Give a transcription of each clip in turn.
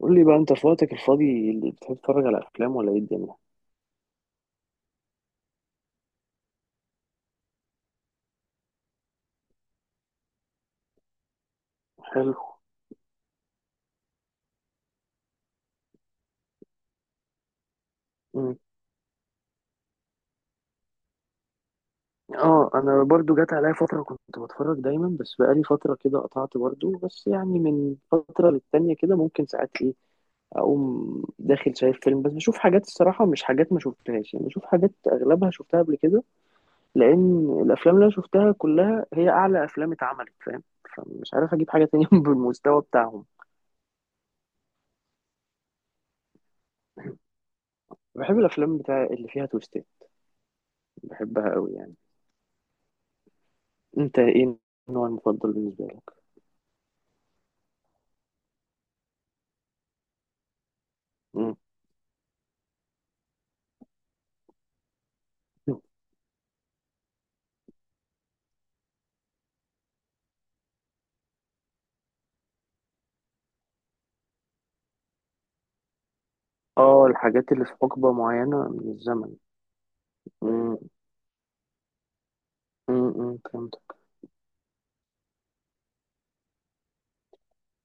قول لي بقى انت في وقتك الفاضي اللي بتحب تتفرج على افلام ولا ايه الدنيا. حلو. مم. اه انا برضو جات عليا فتره كنت بتفرج دايما، بس بقالي فتره كده قطعت برضو، بس يعني من فتره للتانيه كده ممكن ساعات ايه اقوم داخل شايف فيلم، بس بشوف حاجات الصراحه مش حاجات ما شفتهاش، يعني بشوف حاجات اغلبها شفتها قبل كده، لان الافلام اللي انا شفتها كلها هي اعلى افلام اتعملت، فاهم. فمش عارف اجيب حاجه تانية بالمستوى بتاعهم. بحب الافلام بتاع اللي فيها تويستات، بحبها قوي يعني. انت ايه النوع المفضل بالنسبة لك؟ مم. اه الحاجات اللي في حقبة معينة من الزمن. مم. مم. مم. فهمت.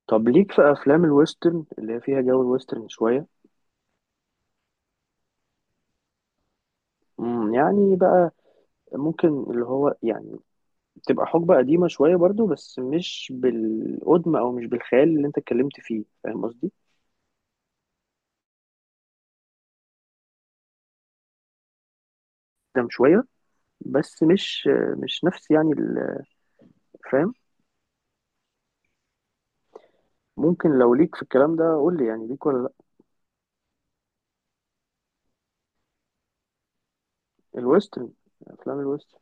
طب ليك في افلام الويسترن اللي هي فيها جو الويسترن شوية؟ مم. يعني بقى ممكن اللي هو يعني تبقى حقبة قديمة شوية برضو، بس مش بالقدم او مش بالخيال اللي انت اتكلمت فيه، فاهم قصدي. قدام شوية، بس مش نفس يعني ال-، فاهم. ممكن لو ليك في الكلام ده قول لي، يعني ليك ولا لا. الويسترن، افلام الويسترن.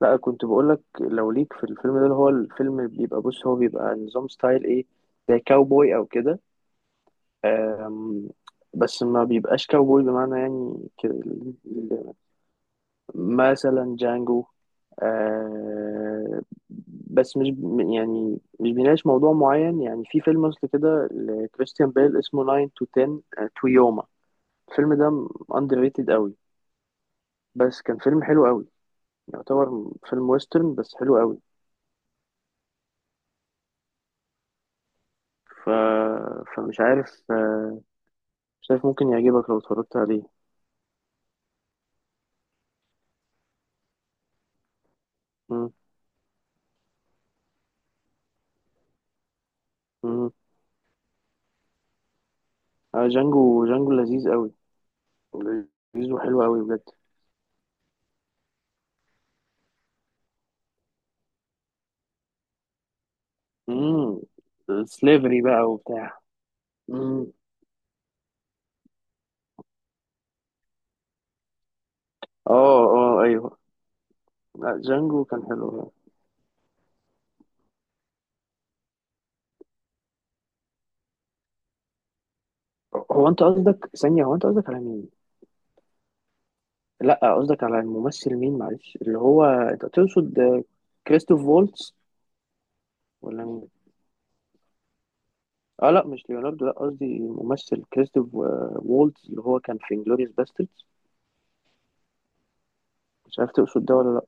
لا كنت بقولك لو ليك في الفيلم ده، اللي هو الفيلم بيبقى، بص هو بيبقى نظام ستايل ايه زي كاوبوي او كده، أم، بس ما بيبقاش كاوبوي بمعنى يعني كده مثلا جانجو، أه، بس مش ب- يعني مش بيناقش موضوع معين، يعني في فيلم اصل كده لكريستيان بيل اسمه 9 to 10 تو يوما. الفيلم ده underrated قوي، بس كان فيلم حلو قوي، يعتبر فيلم ويسترن بس حلو قوي. ف... فمش عارف، مش عارف ممكن يعجبك لو اتفرجت عليه. مم. مم. آه جانجو، جانجو لذيذ قوي، لذيذ وحلو قوي بجد. مم. سليفري بقى وبتاع. مم. اه اه ايوه، لا جانجو كان حلو. هو انت قصدك ثانية، هو انت قصدك على مين؟ لا قصدك على الممثل مين، معلش اللي هو انت تقصد كريستوف وولتز؟ ولا مين؟ اه لا مش ليوناردو، لا قصدي الممثل كريستوف وولتز اللي هو كان في انجلوريوس باستردز. مش عارف تقصد ده ولا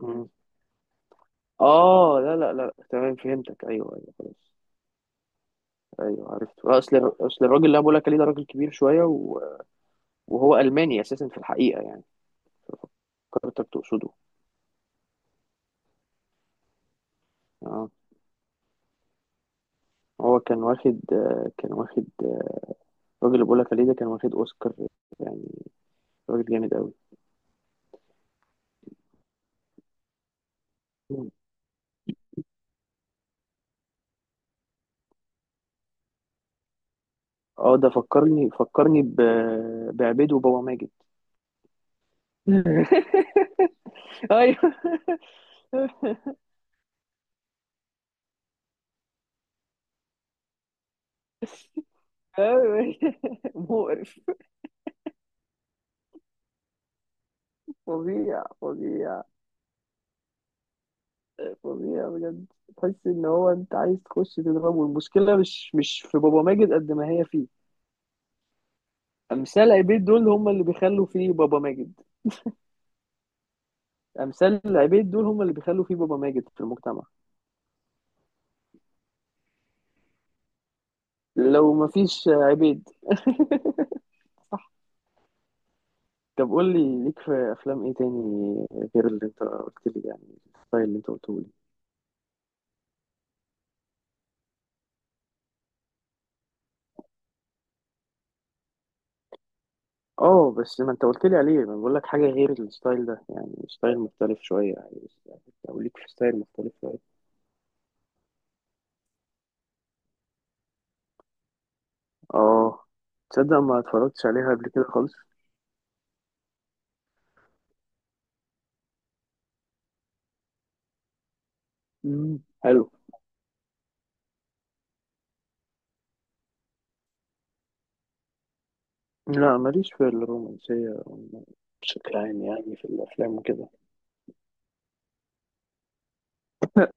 لا. اه لا تمام فهمتك، ايوه ايوه خلاص. ايوه عرفت، اصل الراجل اللي انا بقول لك عليه ده راجل كبير شويه و... وهو الماني اساسا في الحقيقه يعني، فكرتك تقصده. اه هو كان واخد الراجل اللي بقول لك عليه ده كان واخد اوسكار يعني، راجل جامد قوي. اه ده فكرني، فكرني ب... بعبيد وبابا ماجد. ايوه أيوة. مقرف، فظيع فظيع، فظيع بجد. تحس ان هو انت عايز تخش تضربه. المشكله مش في بابا ماجد قد ما هي فيه. امثال عبيد دول هم اللي بيخلوا فيه بابا ماجد، امثال عبيد دول هم اللي بيخلوا فيه بابا ماجد في المجتمع. لو مفيش عبيد. صح. طب قول لي ليك في افلام ايه تاني غير اللي انت قلت لي يعني، الستايل اللي انت قلته لي. اه بس ما انت قلت لي عليه، انا بقول لك حاجه غير الستايل ده، يعني ستايل مختلف شويه يعني بس- او ليك في ستايل مختلف شويه. اه تصدق ما اتفرجتش عليها قبل كده خالص. مم. حلو. لا ماليش في الرومانسية بشكل عام، يعني في الأفلام وكده.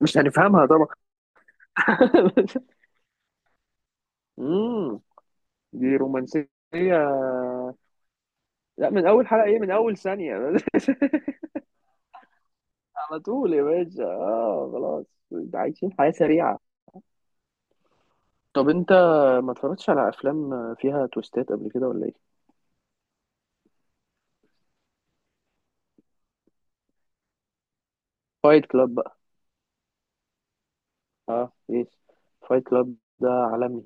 مش هنفهمها طبعا مم. دي رومانسية؟ لا من أول حلقة إيه، من أول ثانية على طول يا باشا، آه خلاص، ده عايشين حياة سريعة. طب أنت ما اتفرجتش على أفلام فيها تويستات قبل كده ولا إيه؟ فايت كلاب بقى. آه يس، فايت كلاب ده عالمي،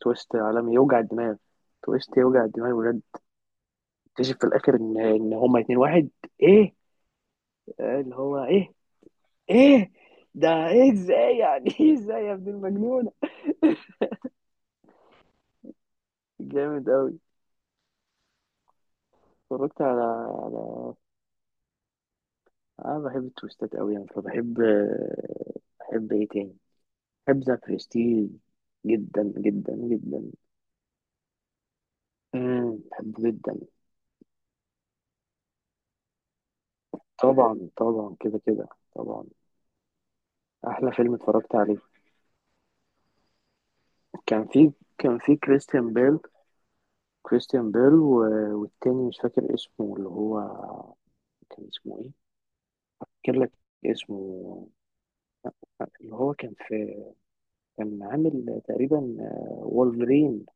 تويست عالمي يوجع الدماغ، تويست يوجع الدماغ بجد. اكتشف في الاخر ان هما اتنين واحد. ايه، اللي هو ايه، ايه ده، ايه ازاي يعني ايه ازاي يا ابن المجنونه، جامد قوي. اتفرجت على، على، انا بحب التويستات قوي يعني، فبحب، بحب ايه تاني، بحب ذا برستيج جدا جدا جدا، بحبه جدا. طبعا طبعا كده كده، طبعا. احلى فيلم اتفرجت عليه، كان في كان في كريستيان بيل، كريستيان بيل و... والتاني مش فاكر اسمه، اللي هو كان اسمه إيه؟ افتكر لك اسمه، اللي هو كان في، كان عامل تقريبا وولفرين،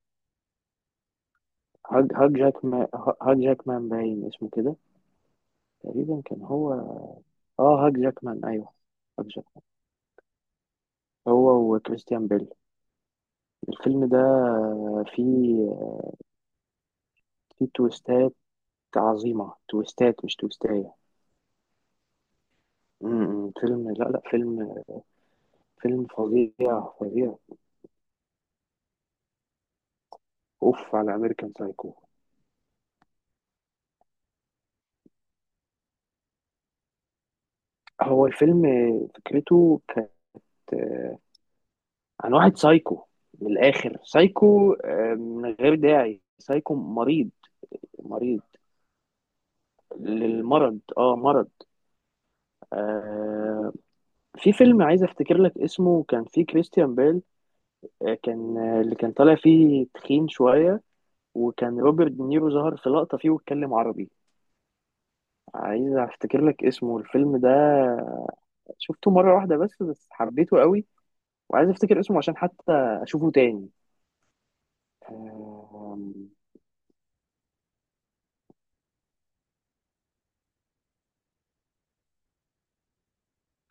هاج جاكمان، هاج جاكمان باين اسمه كده تقريبا، كان هو، اه هاج جاكمان ايوه، هاج جاكمان، هو وكريستيان بيل. الفيلم ده فيه، فيه تويستات عظيمة، تويستات مش تويستاية. م-، م، فيلم، لا لا فيلم، فيلم فظيع فظيع. اوف على امريكان سايكو. هو الفيلم فكرته كانت آه، عن واحد سايكو، من الاخر سايكو، من غير داعي سايكو مريض، مريض للمرض، اه مرض. آه في فيلم عايز افتكر لك اسمه، كان فيه كريستيان بيل، آه كان آه اللي كان طالع فيه تخين شوية، وكان روبرت دينيرو ظهر في لقطة فيه واتكلم عربي. عايز افتكر لك اسمه الفيلم ده، شفته مرة واحدة بس، بس حبيته قوي، وعايز افتكر اسمه عشان حتى اشوفه تاني. آم،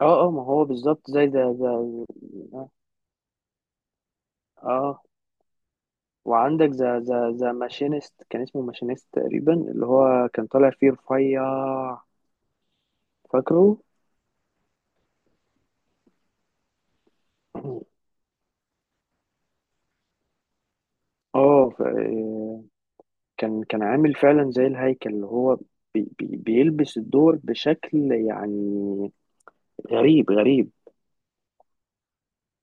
اه اه ما هو بالظبط زي ده، ده، اه وعندك ذا ماشينيست، كان اسمه ماشينيست تقريبا، اللي هو كان طالع فيه رفيع، فاكره. اه ف- كان كان عامل فعلا زي الهيكل، اللي هو بي بيلبس الدور بشكل يعني غريب غريب.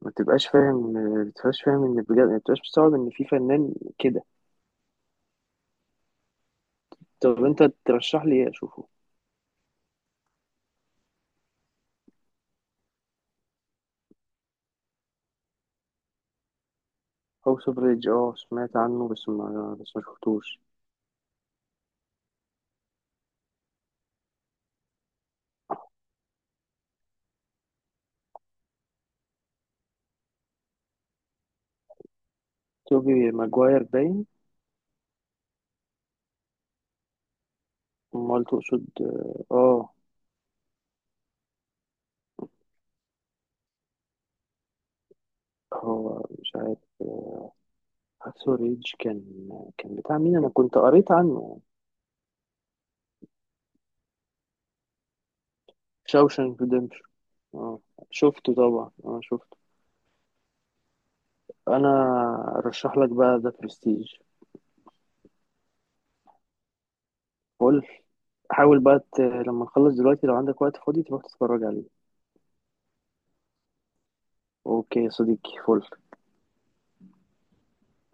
ما تبقاش فاهم، ما تبقاش فاهم ان بجد، ما تبقاش مستوعب ان في فنان كده. طب انت ترشح لي ايه اشوفه؟ هاوس اوف ريدج، اه سمعت عنه بس ما شفتوش. توبي ماجواير باين. امال تقصد اه آه. هو مش عارف، هاكسو ريدج كان، كان بتاع مين، انا كنت قريت عنه. شاوشانك ريدمبشن، اه شفته طبعا، اه شفته. انا ارشح لك بقى ده برستيج. قول، حاول بقى ت- لما نخلص دلوقتي لو عندك وقت فاضي تروح تتفرج عليه. اوكي يا صديقي، فل.